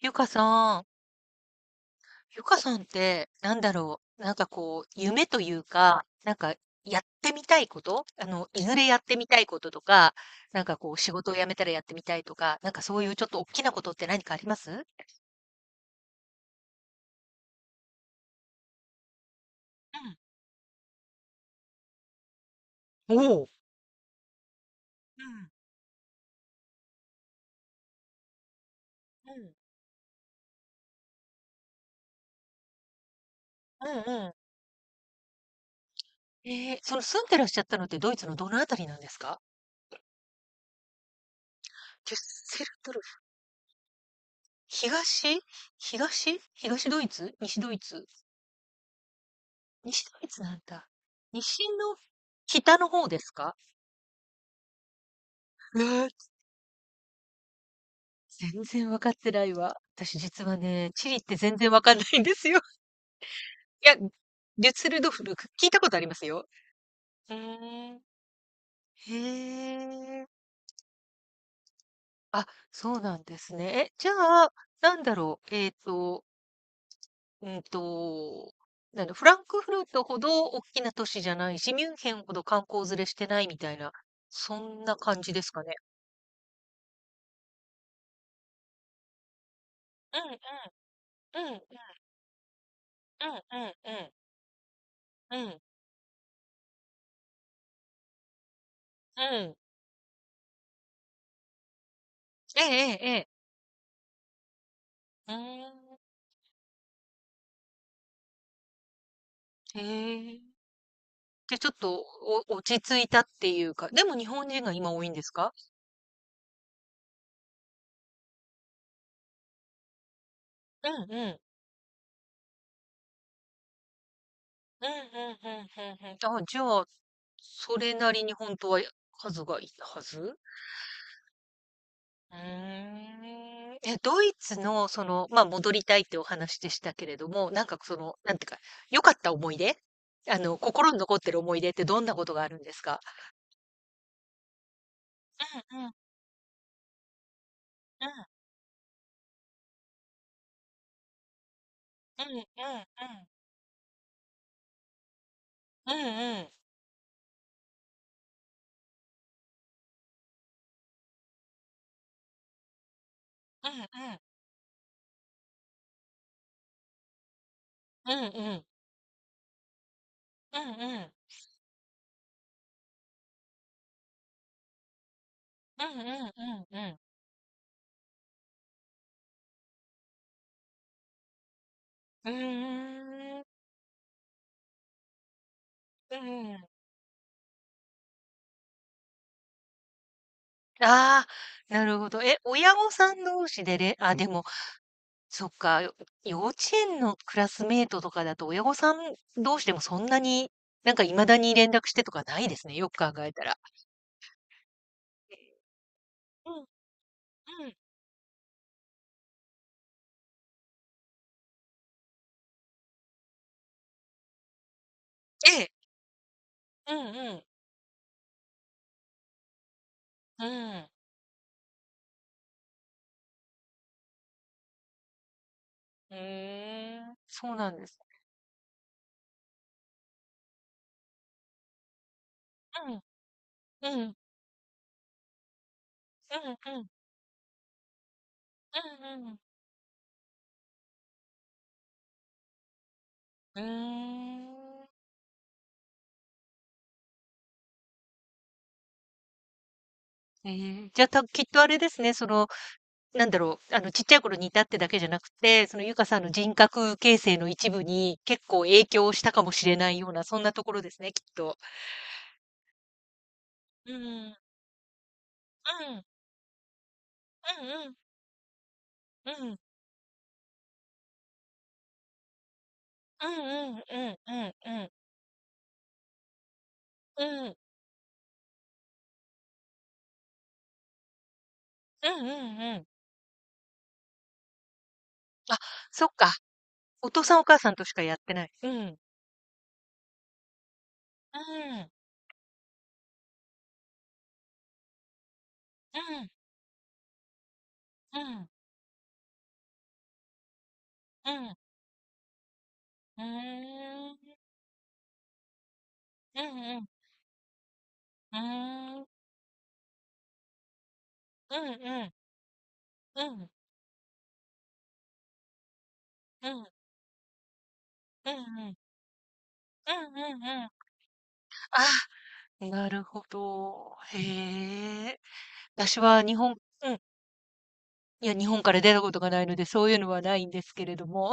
ゆかさん。ゆかさんってなんだろう、なんかこう、夢というか、なんかやってみたいこと、いずれやってみたいこととか、なんかこう、仕事を辞めたらやってみたいとか、なんかそういうちょっと大きなことって何かあります？うん、うん、うん、うん、うん。その住んでらっしゃったのってドイツのどのあたりなんですか？デュッセルドルフ。東東ドイツ、西ドイツ？西ドイツなんだ。西の、北の方ですか？えー、全然分かってないわ。私実はね、チリって全然わかんないんですよ。いや、デュッセルドフルク聞いたことありますよ。ふーん。へえ。あ、そうなんですね。え、じゃあ、なんだろう、うんと、なんだ、フランクフルトほどおっきな都市じゃないし、ミュンヘンほど観光連れしてないみたいな、そんな感じですかね。うん、うん、うん、うん、うん、うん、うん、うん、うん。ええええええ。うーん、へえ。で、ちょっと、落ち着いたっていうか、でも日本人が今多いんですか？うん、うん。うん、うん、うん、ふんふん。あ、じゃあ、それなりに本当は、数がいたはず？うーん。え、ドイツのその、ま、戻りたいってお話でしたけれども、なんかその、なんていうか、良かった思い出？心に残ってる思い出ってどんなことがあるんですか？うん、うん、うん、うん、うん、うん。うん、うん。うん、うん。うん、うん。うん、うん。うん。うーん。うん。ああ、なるほど。え、親御さん同士でれあ、でも、そっか、よ幼稚園のクラスメイトとかだと、親御さん同士でもそんなに、なんか未だに連絡してとかないですね、よく考えたら。うん、うん。ええ。うん、うん。うん。うーん、そうなんです。うん、うん、うん、うん、うん、うん。うーん。ええ、じゃ、きっとあれですね、その、なんだろう、ちっちゃい頃にいたってだけじゃなくて、そのゆかさんの人格形成の一部に結構影響したかもしれないような、そんなところですね、きっと。うん、うん、うん、うん、うん、うん、うん、うん、うん、うん、うん、うん、うん。あ、そっか。お父さんお母さんとしかやってない。うん、うん、うん、うん、うん、うーん、うん、うん、うーん、うん、うん、うん、うん、うん、うん、うん、うん、うん。あ、なるほど。へえ。私は日本うん、いや、日本から出たことがないので、そういうのはないんですけれども。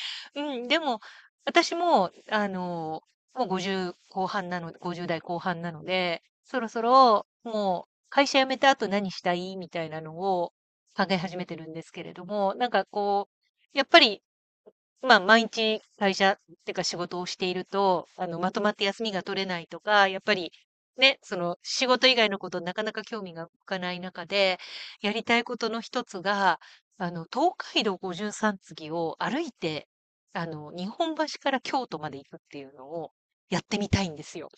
うん、でも、私も、もう50代後半なので、そろそろ、もう会社辞めた後何したいみたいなのを考え始めてるんですけれども、なんかこう、やっぱり、まあ、毎日会社っていうか仕事をしていると、まとまって休みが取れないとか、やっぱり、ね、その仕事以外のことなかなか興味が向かない中で、やりたいことの一つが、東海道五十三次を歩いて、日本橋から京都まで行くっていうのをやってみたいんですよ。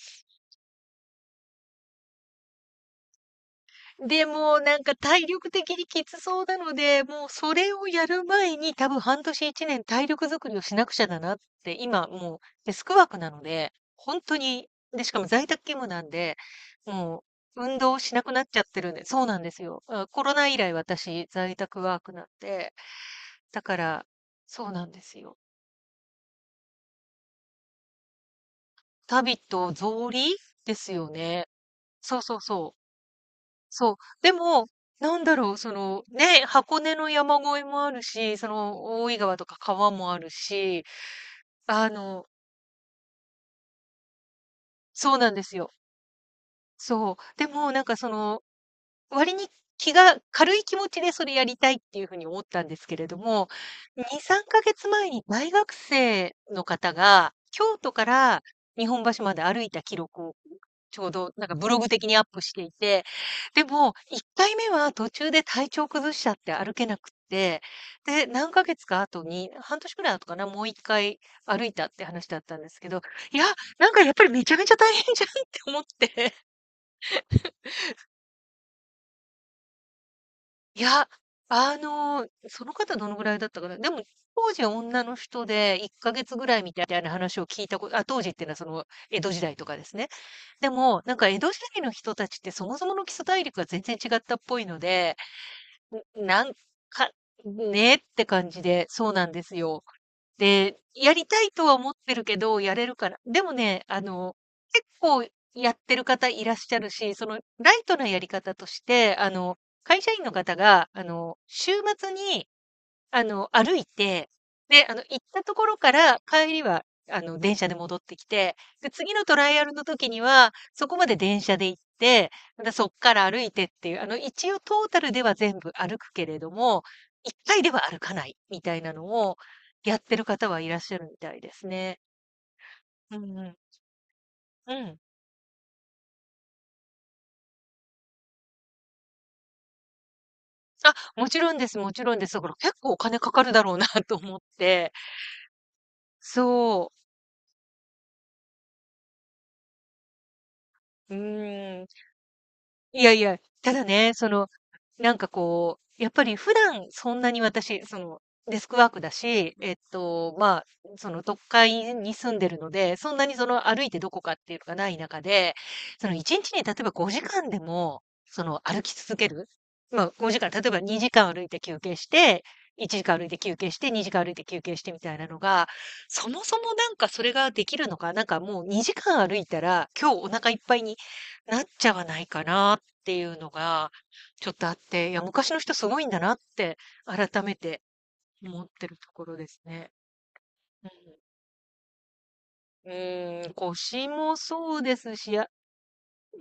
でも、なんか体力的にきつそうなので、もうそれをやる前に、多分半年1年体力作りをしなくちゃだなって。今もうデスクワークなので、ほんとに、で、しかも在宅勤務なんで、もう運動しなくなっちゃってるんで、そうなんですよ。うん、コロナ以来私在宅ワークなんで、だから、そうなんですよ。タビと草履ですよね。そうそうそう。そう。でも、なんだろう、その、ね、箱根の山越えもあるし、その、大井川とか川もあるし、あのそうなんですよ。そう。でも、なんかその、割に気が軽い気持ちでそれやりたいっていう風に思ったんですけれども、2、3ヶ月前に大学生の方が、京都から日本橋まで歩いた記録をちょうどなんかブログ的にアップしていて、でも1回目は途中で体調崩しちゃって歩けなくって、で、何ヶ月か後に、半年くらい後かな、もう1回歩いたって話だったんですけど、いや、なんかやっぱりめちゃめちゃ大変じゃんって思って。いや、その方どのぐらいだったかな。でも、当時は女の人で1ヶ月ぐらいみたいな話を聞いたこと、あ、当時っていうのはその江戸時代とかですね。でも、なんか江戸時代の人たちってそもそもの基礎体力が全然違ったっぽいので、んなんか、ねって感じで、そうなんですよ。で、やりたいとは思ってるけど、やれるから。でもね、結構やってる方いらっしゃるし、そのライトなやり方として、会社員の方が、週末に歩いて、で、行ったところから帰りは、電車で戻ってきて、で、次のトライアルの時には、そこまで電車で行って、またそっから歩いてっていう、一応トータルでは全部歩くけれども、一回では歩かないみたいなのをやってる方はいらっしゃるみたいですね。うん、うん。うん。あ、もちろんです、もちろんです。だから結構お金かかるだろうな と思って。そう。うーん。いやいや、ただね、その、なんかこう、やっぱり普段そんなに私、その、デスクワークだし、まあ、その、都会に住んでるので、そんなにその、歩いてどこかっていうのがない中で、その、1日にちに例えば5時間でも、その、歩き続ける。まあ、5時間、例えば2時間歩いて休憩して、1時間歩いて休憩して、2時間歩いて休憩してみたいなのが、そもそもなんかそれができるのか、なんかもう2時間歩いたら、今日お腹いっぱいになっちゃわないかなっていうのが、ちょっとあって、いや、昔の人すごいんだなって、改めて思ってるところですね。うん。うーん、腰もそうですし、あ、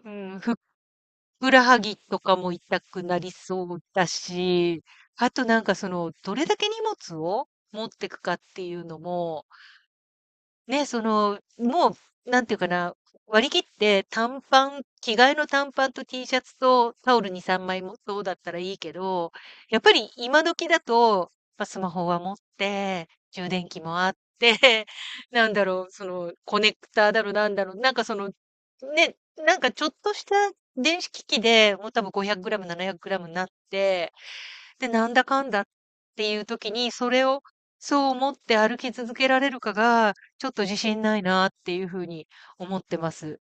うん、ふっくらはぎとかも痛くなりそうだし、あとなんかその、どれだけ荷物を持ってくかっていうのも、ね、その、もう、なんていうかな、割り切って短パン、着替えの短パンと T シャツとタオル2、3枚もそうだったらいいけど、やっぱり今時だと、ま、スマホは持って、充電器もあって、なんだろう、その、コネクターだろなんだろ、なんかその、ね、なんかちょっとした電子機器で、もう多分500グラム、700グラムになって、で、なんだかんだっていう時に、それをそう思って歩き続けられるかが、ちょっと自信ないなっていう風に思ってます。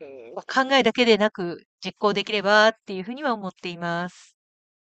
うん、ま、考えだけでなく、実行できればっていう風には思っています。